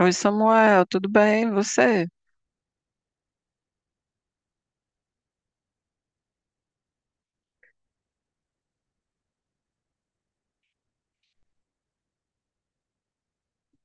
Oi, Samuel, tudo bem? E você?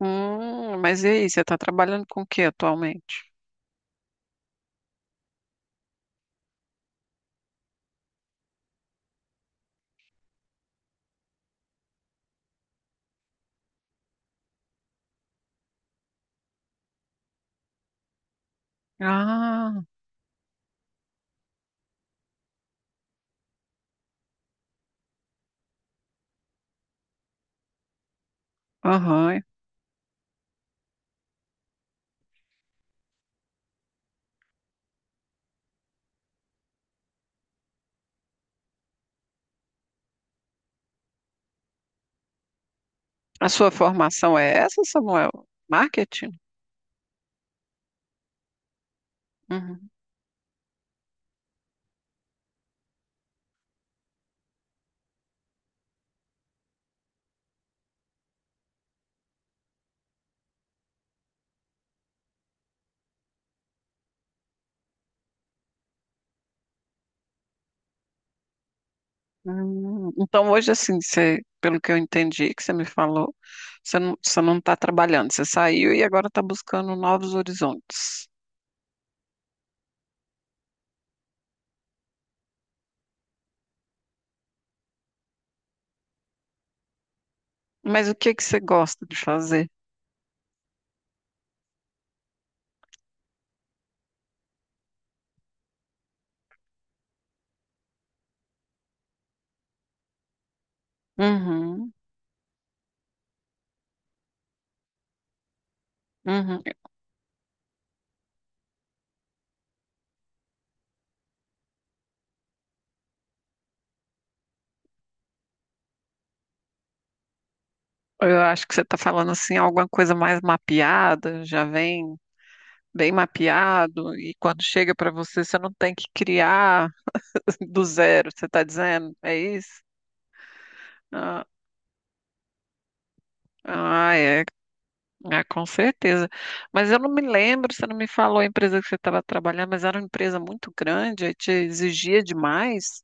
Mas e aí, você está trabalhando com o que atualmente? Ah, aham. A sua formação é essa, Samuel? Marketing? Uhum. Então, hoje, assim, você, pelo que eu entendi que você me falou, você não está trabalhando, você saiu e agora está buscando novos horizontes. Mas o que que você gosta de fazer? Uhum, uhum. Eu acho que você está falando, assim, alguma coisa mais mapeada, já vem. Bem mapeado, e quando chega para você, você não tem que criar do zero, você está dizendo, é isso? Ah, ah, é, ah, com certeza. Mas eu não me lembro, você não me falou a empresa que você estava trabalhando, mas era uma empresa muito grande, aí te exigia demais.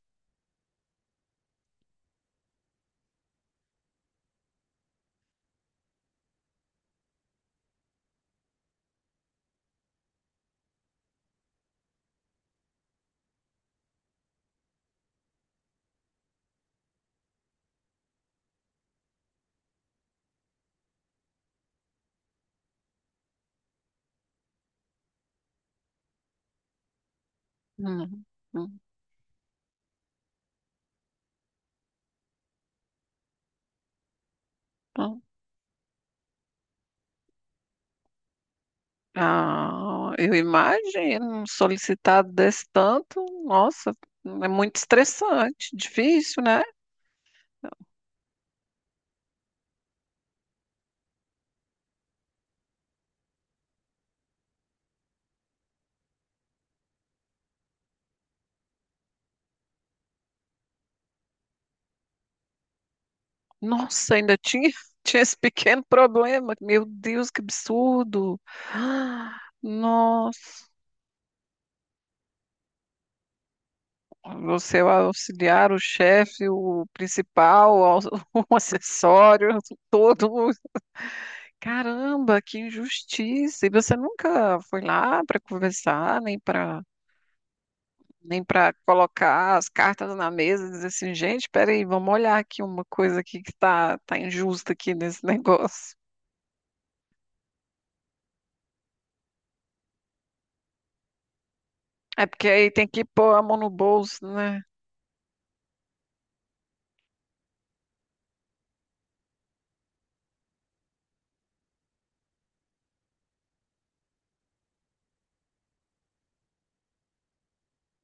Hum, hum, hum. Ah, eu imagino, um solicitado desse tanto, nossa, é muito estressante, difícil, né? Nossa, ainda tinha, tinha esse pequeno problema. Meu Deus, que absurdo! Ah, nossa, você é o auxiliar, o chefe, o principal, o o acessório, todo. Mundo. Caramba, que injustiça! E você nunca foi lá para conversar, nem para colocar as cartas na mesa e dizer assim, gente, peraí, vamos olhar aqui uma coisa aqui que tá injusta aqui nesse negócio. É porque aí tem que pôr a mão no bolso, né?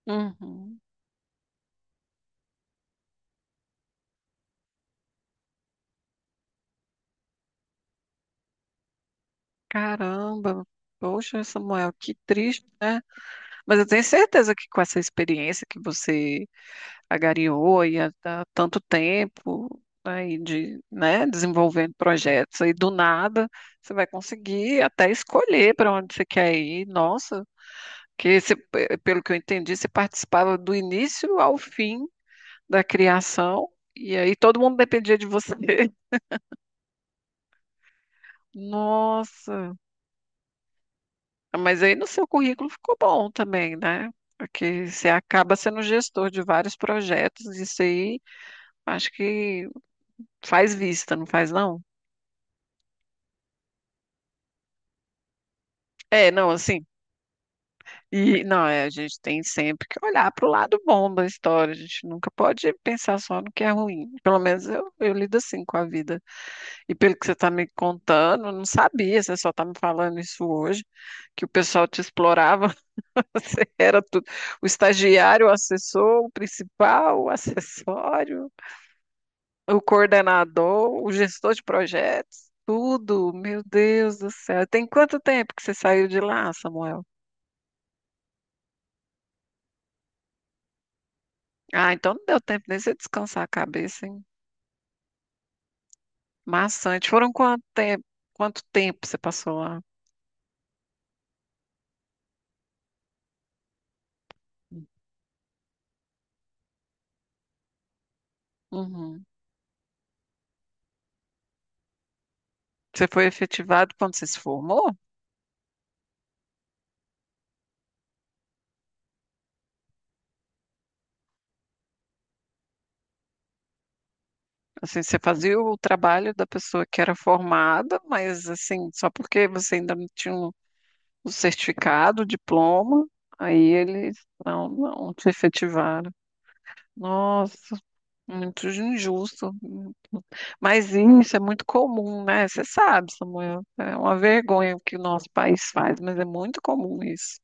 Uhum. Caramba, poxa, Samuel, que triste, né? Mas eu tenho certeza que com essa experiência que você agariou aí há tanto tempo, aí de, né, desenvolvendo projetos, aí do nada você vai conseguir até escolher para onde você quer ir. Nossa, que você, pelo que eu entendi, você participava do início ao fim da criação, e aí todo mundo dependia de você. Nossa. Mas aí no seu currículo ficou bom também, né? Porque você acaba sendo gestor de vários projetos, isso aí acho que faz vista, não faz não? É, não, assim, e não, é, a gente tem sempre que olhar para o lado bom da história, a gente nunca pode pensar só no que é ruim. Pelo menos eu lido assim com a vida. E pelo que você está me contando, eu não sabia, você só está me falando isso hoje, que o pessoal te explorava. Você era tudo. O estagiário, o assessor, o principal, o acessório, o coordenador, o gestor de projetos, tudo. Meu Deus do céu. Tem quanto tempo que você saiu de lá, Samuel? Ah, então não deu tempo nem você descansar a cabeça, hein? Maçante. Quanto tempo você passou lá? Uhum. Você foi efetivado quando você se formou? Assim, você fazia o trabalho da pessoa que era formada, mas assim, só porque você ainda não tinha um o certificado, o diploma, aí eles não te efetivaram. Nossa, muito injusto. Mas isso é muito comum, né? Você sabe, Samuel, é uma vergonha o que o nosso país faz, mas é muito comum isso.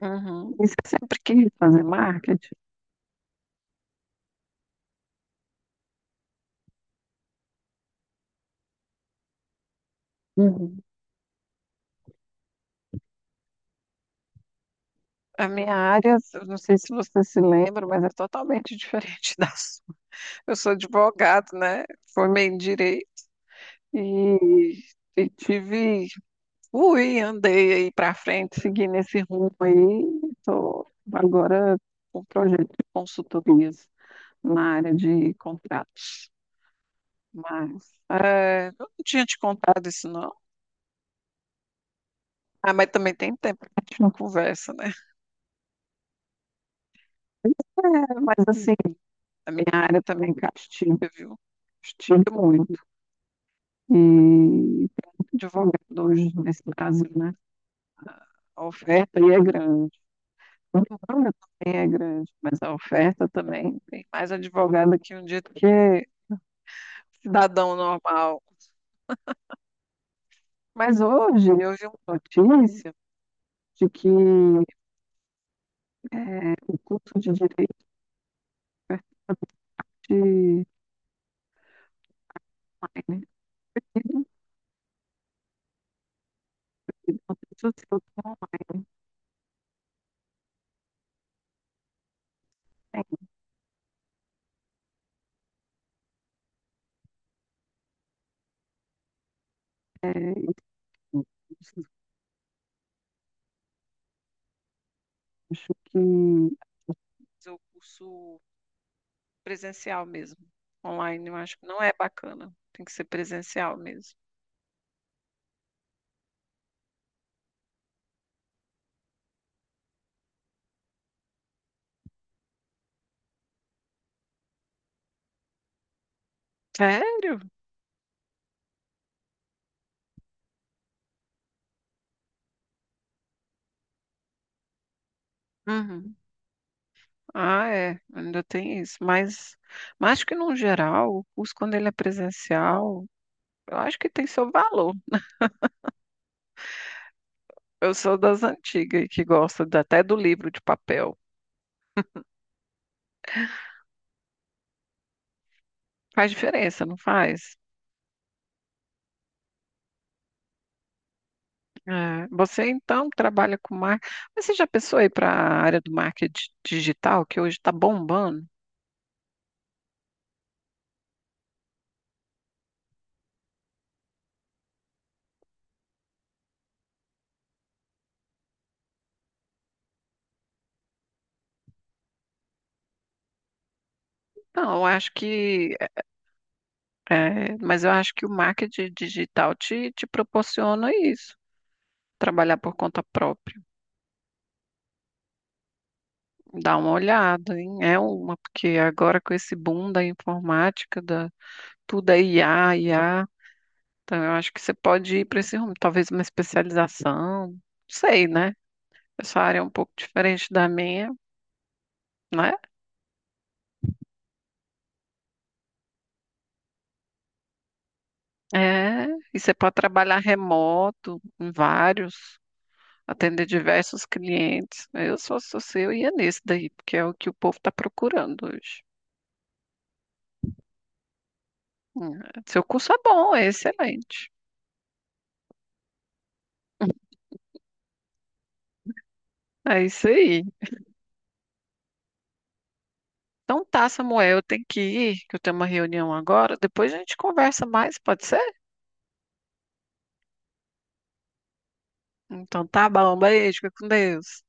Uhum. E você sempre quis fazer marketing? Uhum. A minha área, eu não sei se você se lembra, mas é totalmente diferente da sua. Eu sou advogado, né? Formei em direito e, e tive ui, andei aí para frente, seguindo esse rumo aí. Estou agora com um projeto de consultorias na área de contratos. Mas é, eu não tinha te contado isso, não. Ah, mas também tem tempo que a gente não conversa, né? É, mas assim, a minha área também castiga, viu? Castiga muito. E tem muito advogado hoje nesse Brasil, né? A oferta aí é grande. A demanda também é grande, mas a oferta também tem mais advogado aqui um dia do que é cidadão normal. Mas hoje eu vi uma notícia de que é, o curso de direito de online é reduzido. Uma pessoa se eu não tenho, é, acho que fazer o curso presencial mesmo. Online, eu acho que não é bacana. Tem que ser presencial mesmo. Sério? Uhum. Ah, é, ainda tem isso. Mas acho que, no geral, o curso, quando ele é presencial, eu acho que tem seu valor. Eu sou das antigas que gosta até do livro de papel. Faz diferença, não faz? É, você, então, trabalha com marketing. Mas você já pensou aí para a área do marketing digital, que hoje está bombando? Não, eu acho que... É, mas eu acho que o marketing digital te proporciona isso, trabalhar por conta própria. Dá uma olhada, hein? É uma, porque agora com esse boom da informática, da, tudo é IA, IA, então eu acho que você pode ir para esse rumo, talvez uma especialização, não sei, né? Essa área é um pouco diferente da minha, né? É, e você pode trabalhar remoto, em vários, atender diversos clientes. Eu, só sou você, eu ia nesse daí, porque é o que o povo está procurando hoje. Hum, Seu curso é bom, é excelente. É isso aí. Então tá, Samuel, eu tenho que ir, que eu tenho uma reunião agora. Depois a gente conversa mais, pode ser? Então tá bom, beijo, fica com Deus.